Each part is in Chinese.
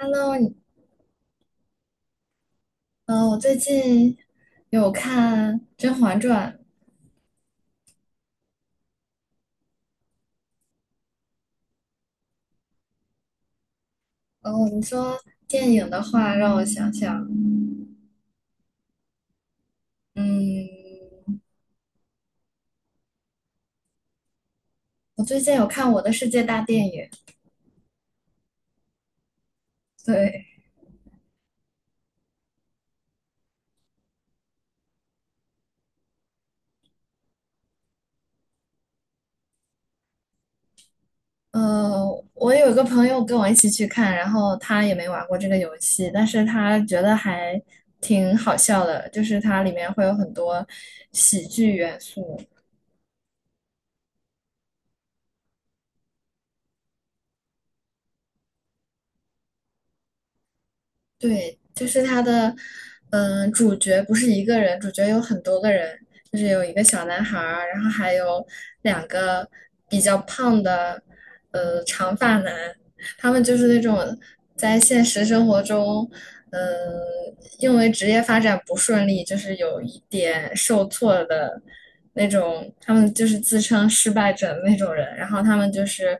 Hello，我最近有看《甄嬛传》。哦，你说电影的话，让我想想。嗯，我最近有看《我的世界大电影》。对，呃，我有一个朋友跟我一起去看，然后他也没玩过这个游戏，但是他觉得还挺好笑的，就是它里面会有很多喜剧元素。对，就是他的，主角不是一个人，主角有很多个人，就是有一个小男孩儿，然后还有2个比较胖的，长发男，他们就是那种在现实生活中，嗯、呃因为职业发展不顺利，就是有一点受挫的那种，他们就是自称失败者的那种人，然后他们就是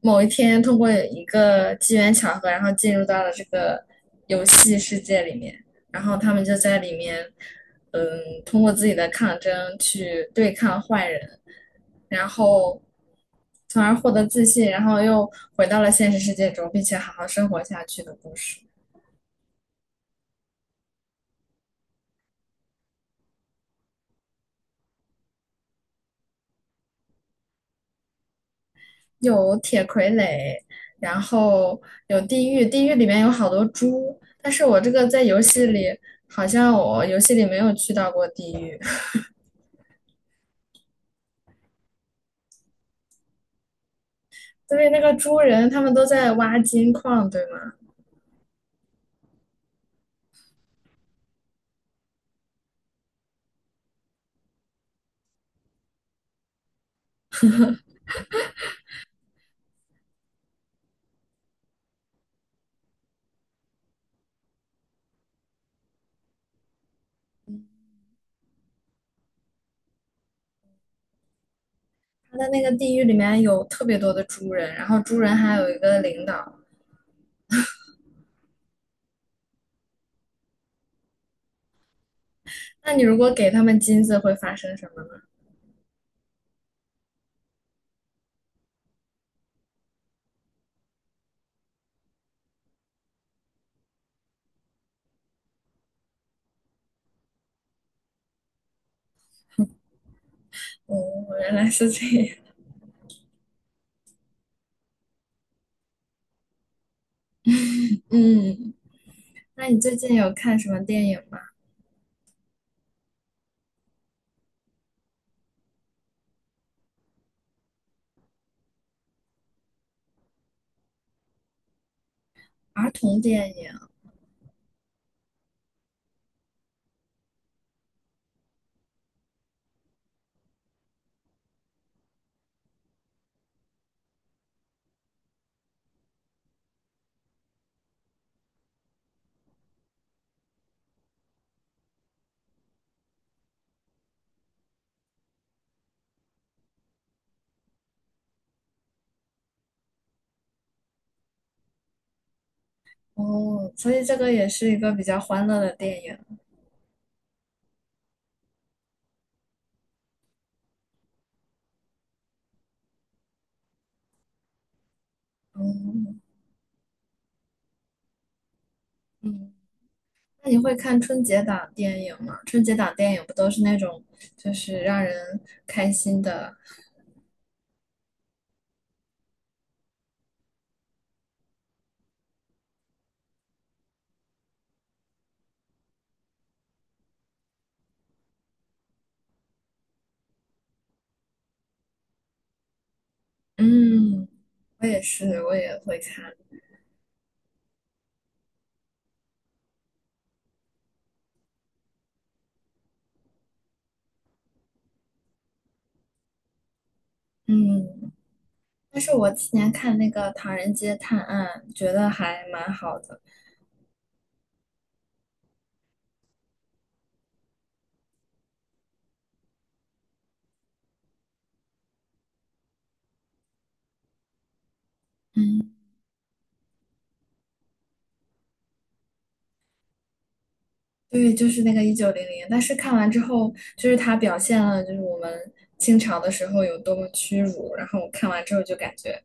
某一天通过一个机缘巧合，然后进入到了这个游戏世界里面，然后他们就在里面，嗯，通过自己的抗争去对抗坏人。然后从而获得自信，然后又回到了现实世界中，并且好好生活下去的故事。有铁傀儡，然后有地狱，地狱里面有好多猪，但是我这个在游戏里好像我游戏里没有去到过地狱，对，那个猪人他们都在挖金矿，对吗？他的那个地狱里面有特别多的猪人，然后猪人还有一个领导。那你如果给他们金子，会发生什么呢？哦，原来是这样。嗯。那你最近有看什么电影吗？儿童电影。哦，所以这个也是一个比较欢乐的电影。嗯，嗯，那你会看春节档电影吗？春节档电影不都是那种就是让人开心的？嗯，我也是，我也会看。嗯，但是我今年看那个《唐人街探案》，觉得还蛮好的。嗯。对，就是那个1900，但是看完之后，就是它表现了就是我们清朝的时候有多么屈辱，然后我看完之后就感觉，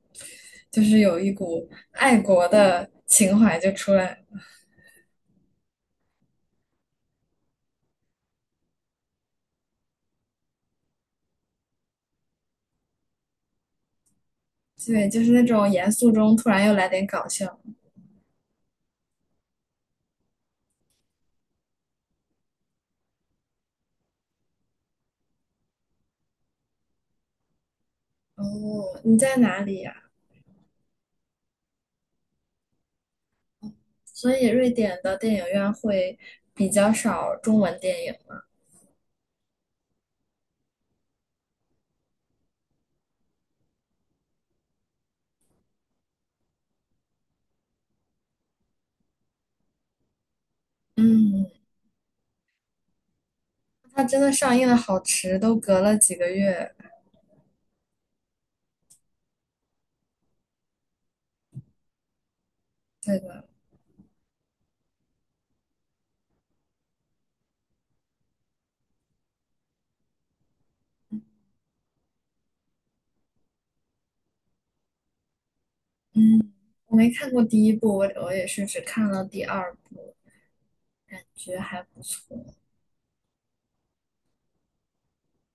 就是有一股爱国的情怀就出来，对，就是那种严肃中突然又来点搞笑。哦，你在哪里呀？所以瑞典的电影院会比较少中文电影。嗯，它真的上映的好迟，都隔了几个月。对的。嗯，我没看过第一部，我也是只看了第二部，感觉还不错。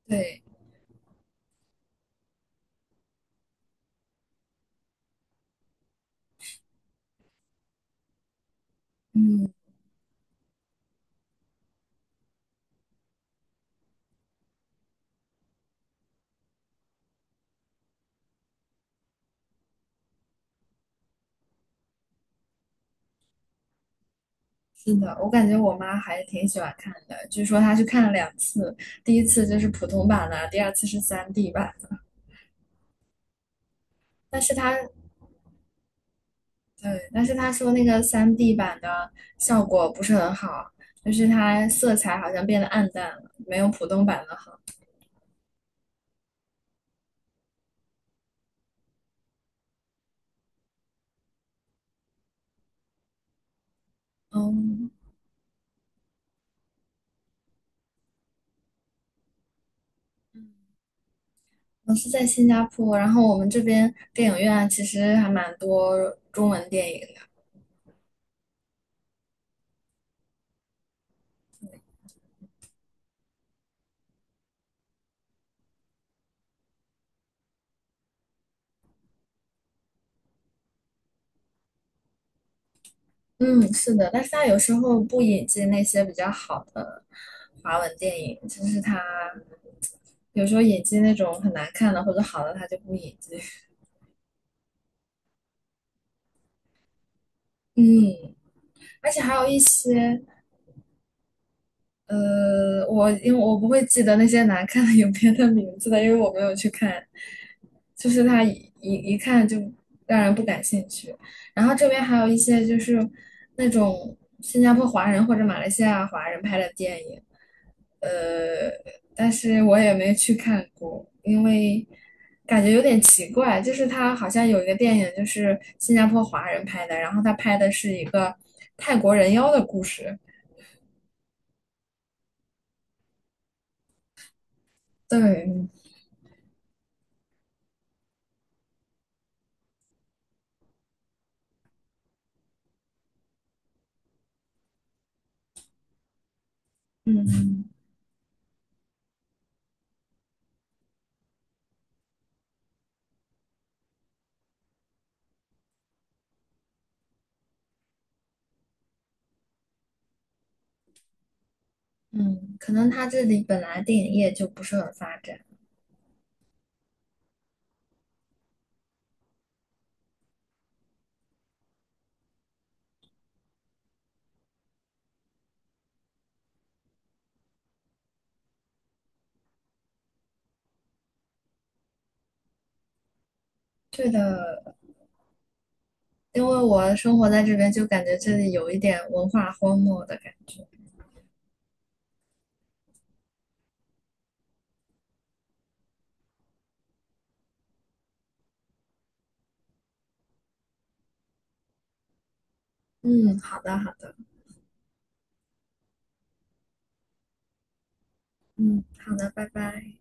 对，嗯，是的，我感觉我妈还挺喜欢看的，据说她去看了2次，第一次就是普通版的，第二次是 3D 版的。但是她，对，但是她说那个 3D 版的效果不是很好，就是它色彩好像变得暗淡了，没有普通版的好。嗯。我是在新加坡，然后我们这边电影院啊其实还蛮多中文电影。嗯，是的，但是他有时候不引进那些比较好的华文电影，就是他有时候引进那种很难看的或者好的，他就不引进。嗯，而且还有一些因为我不会记得那些难看的影片的名字的，因为我没有去看，就是它一看就让人不感兴趣。然后这边还有一些就是那种新加坡华人或者马来西亚华人拍的电影，呃，但是我也没去看过，因为感觉有点奇怪，就是他好像有一个电影就是新加坡华人拍的，然后他拍的是一个泰国人妖的故事，对。嗯。嗯，可能他这里本来电影业就不是很发展。对的，因为我生活在这边，就感觉这里有一点文化荒漠的感觉。嗯，好的，好的，嗯，好的，拜拜。